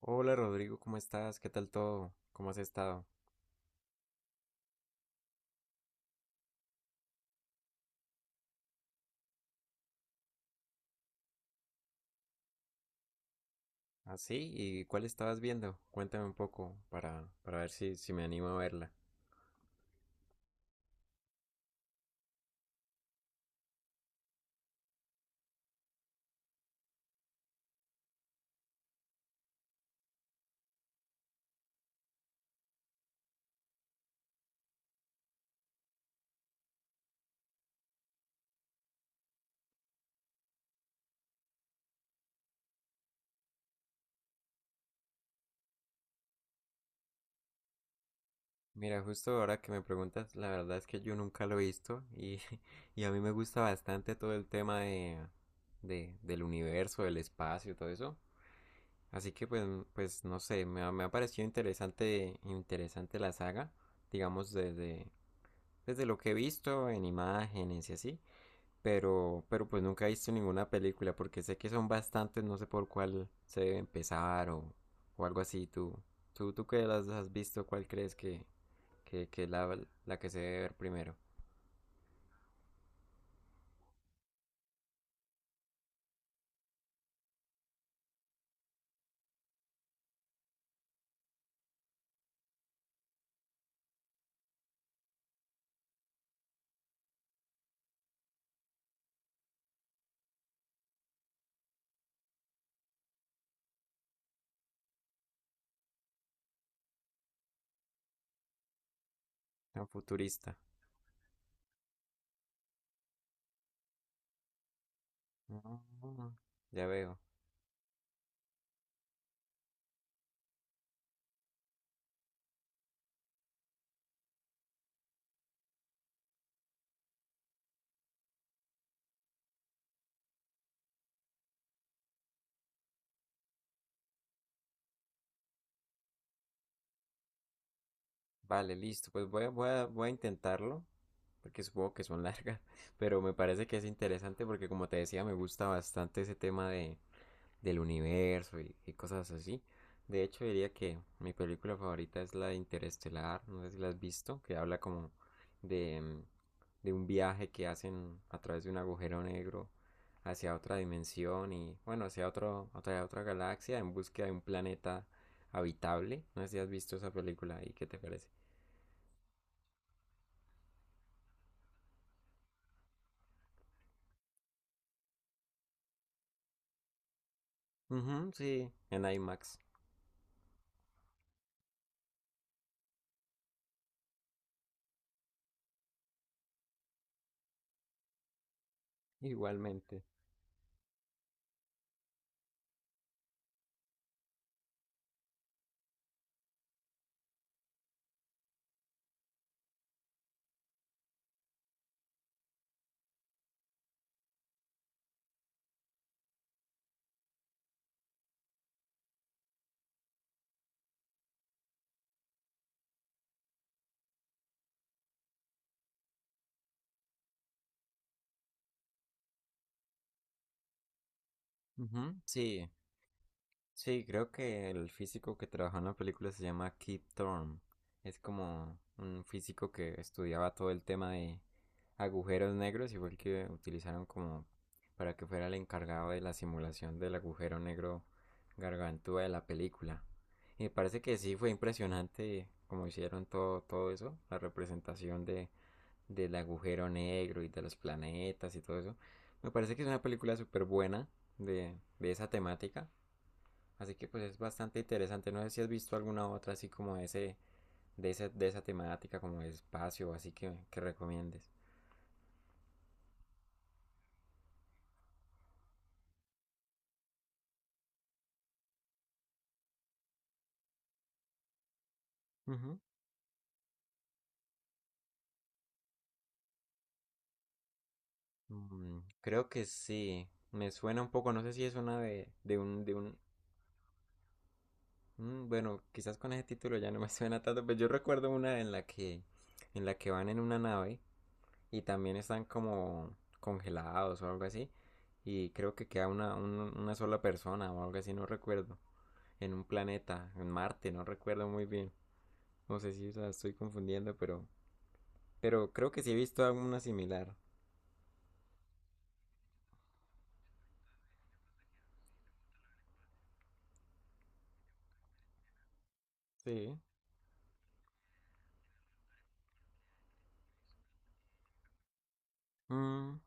Hola Rodrigo, ¿cómo estás? ¿Qué tal todo? ¿Cómo has estado? ¿Ah, sí? ¿Y cuál estabas viendo? Cuéntame un poco para ver si me animo a verla. Mira, justo ahora que me preguntas, la verdad es que yo nunca lo he visto y, y a mí me gusta bastante todo el tema de, del universo, del espacio, todo eso. Así que pues, pues no sé, me ha parecido interesante, interesante la saga, digamos desde, desde lo que he visto en imágenes y así. Pero pues nunca he visto ninguna película porque sé que son bastantes, no sé por cuál se debe empezar o algo así. ¿Tú, tú que las has visto, cuál crees que es la que se debe ver primero? Tan futurista. Mm. Ya veo. Vale, listo. Pues voy a, voy a intentarlo porque supongo que son largas, pero me parece que es interesante porque como te decía, me gusta bastante ese tema de, del universo y cosas así. De hecho, diría que mi película favorita es la de Interestelar, no sé si la has visto, que habla como de, de un viaje que hacen a través de un agujero negro hacia otra dimensión y bueno, hacia otro, otra galaxia en búsqueda de un planeta habitable. No sé si has visto esa película y qué te parece. Ujú, sí, en IMAX. Igualmente. Ujú, sí. Sí, creo que el físico que trabajó en la película se llama Keith Thorne. Es como un físico que estudiaba todo el tema de agujeros negros y fue el que utilizaron como para que fuera el encargado de la simulación del agujero negro gargantúa de la película. Y me parece que sí fue impresionante como hicieron todo, todo eso, la representación de, del agujero negro y de los planetas y todo eso. Me parece que es una película súper buena de esa temática. Así que pues es bastante interesante. No sé si has visto alguna otra así como ese, de esa temática, como de espacio, así que recomiendes. Ujú. Mm, creo que sí. Me suena un poco, no sé si es una de un, mm, bueno, quizás con ese título ya no me suena tanto, pero yo recuerdo una en la que van en una nave y también están como congelados o algo así. Y creo que queda una, una sola persona o algo así, no recuerdo. En un planeta, en Marte, no recuerdo muy bien. No sé si la estoy confundiendo, pero creo que sí he visto alguna similar. Sí. Mm,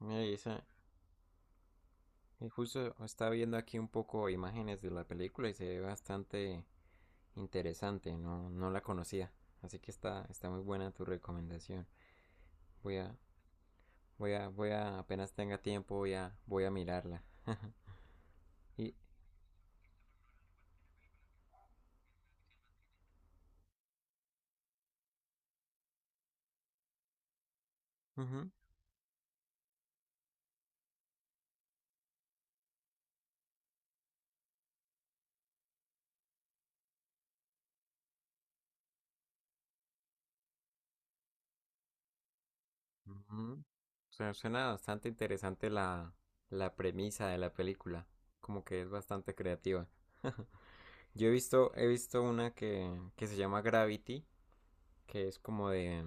mira, esa, y justo estaba viendo aquí un poco imágenes de la película y se ve bastante interesante, no, no la conocía. Así que está, está muy buena tu recomendación. Voy a, voy a, apenas tenga tiempo, voy a, voy a mirarla. Y, uh -huh. Ujú. Suena, suena bastante interesante la, la premisa de la película. Como que es bastante creativa. Yo he visto una que se llama Gravity, que es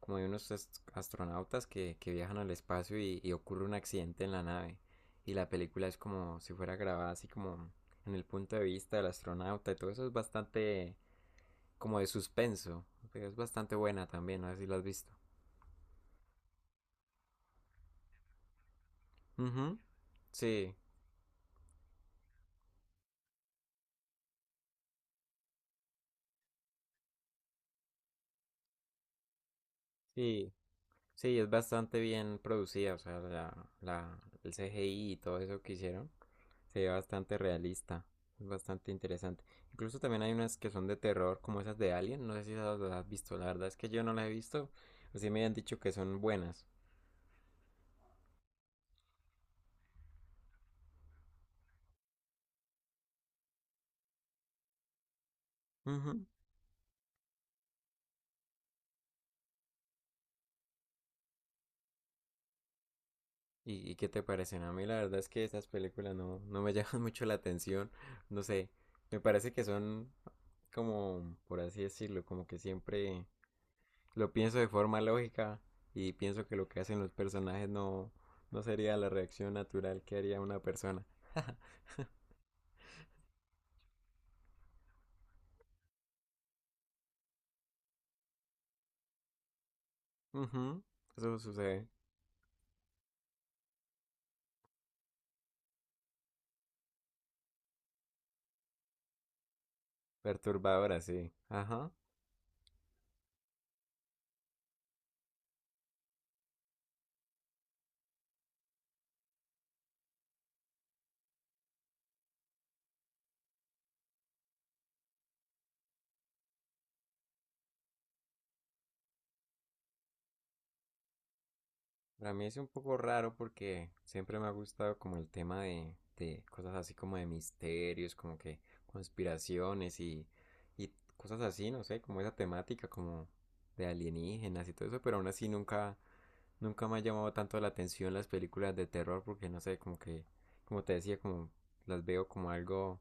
como de unos astronautas que viajan al espacio y ocurre un accidente en la nave. Y la película es como si fuera grabada así como en el punto de vista del astronauta y todo eso es bastante como de suspenso. Pero es bastante buena también, no sé si la has visto. Ujú, sí. Sí, sí, es bastante bien producida, o sea, la, el CGI y todo eso que hicieron se ve bastante realista, es bastante interesante. Incluso también hay unas que son de terror, como esas de Alien, no sé si las has visto, la verdad es que yo no las he visto, así me han dicho que son buenas. Ujú. Y qué te parecen? A mí la verdad es que esas películas no, no me llaman mucho la atención, no sé, me parece que son como, por así decirlo, como que siempre lo pienso de forma lógica y pienso que lo que hacen los personajes no, no sería la reacción natural que haría una persona. Ujú. Eso sucede. Perturbadora, sí. Ajá. Para mí es un poco raro porque siempre me ha gustado como el tema de cosas así como de misterios, como que conspiraciones y cosas así, no sé, como esa temática como de alienígenas y todo eso, pero aún así nunca, nunca me ha llamado tanto la atención las películas de terror porque no sé, como que, como te decía, como las veo como algo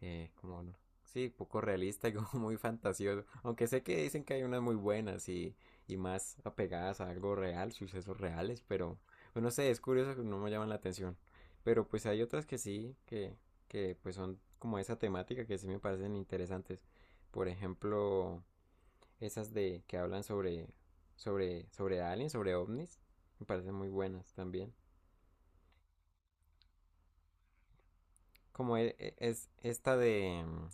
como, sí, poco realista y como muy fantasioso. Aunque sé que dicen que hay unas muy buenas y más apegadas a algo real, sucesos reales, pero pues, no sé, es curioso que no me llaman la atención. Pero pues hay otras que sí, que pues son como esa temática que sí me parecen interesantes. Por ejemplo, esas de que hablan sobre sobre aliens, sobre ovnis, me parecen muy buenas también. Como es, esta de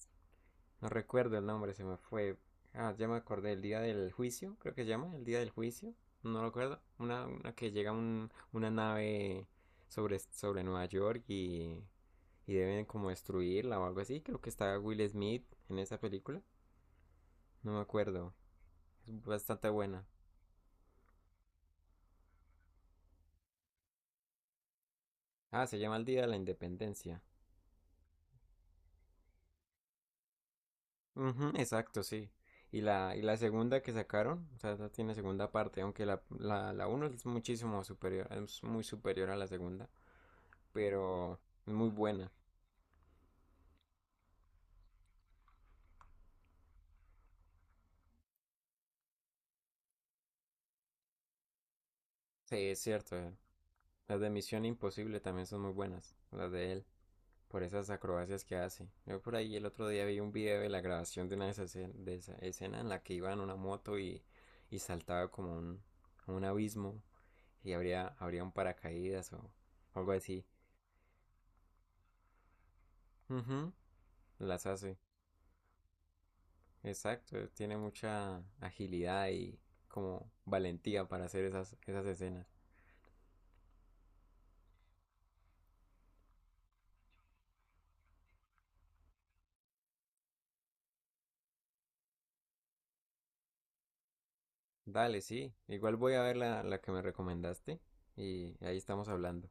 no recuerdo el nombre, se me fue. Ah, ya me acordé, el día del juicio, creo que se llama, el día del juicio, no lo recuerdo. Una que llega una nave sobre, sobre Nueva York y deben como destruirla o algo así. Creo que está Will Smith en esa película, no me acuerdo. Es bastante buena. Ah, se llama el Día de la Independencia. Ujú, exacto, sí. Y la segunda que sacaron, o sea, no tiene segunda parte, aunque la, la uno es muchísimo superior, es muy superior a la segunda. Pero muy buena. Sí, es cierto. Las de Misión Imposible también son muy buenas, las de él, por esas acrobacias que hace. Yo por ahí el otro día vi un video de la grabación de una de esas de esa escena en la que iba en una moto y saltaba como un abismo y habría, habría un paracaídas o algo así. Ujú, las hace. Exacto, tiene mucha agilidad y como valentía para hacer esas, esas escenas. Dale, sí. Igual voy a ver la, la que me recomendaste y ahí estamos hablando.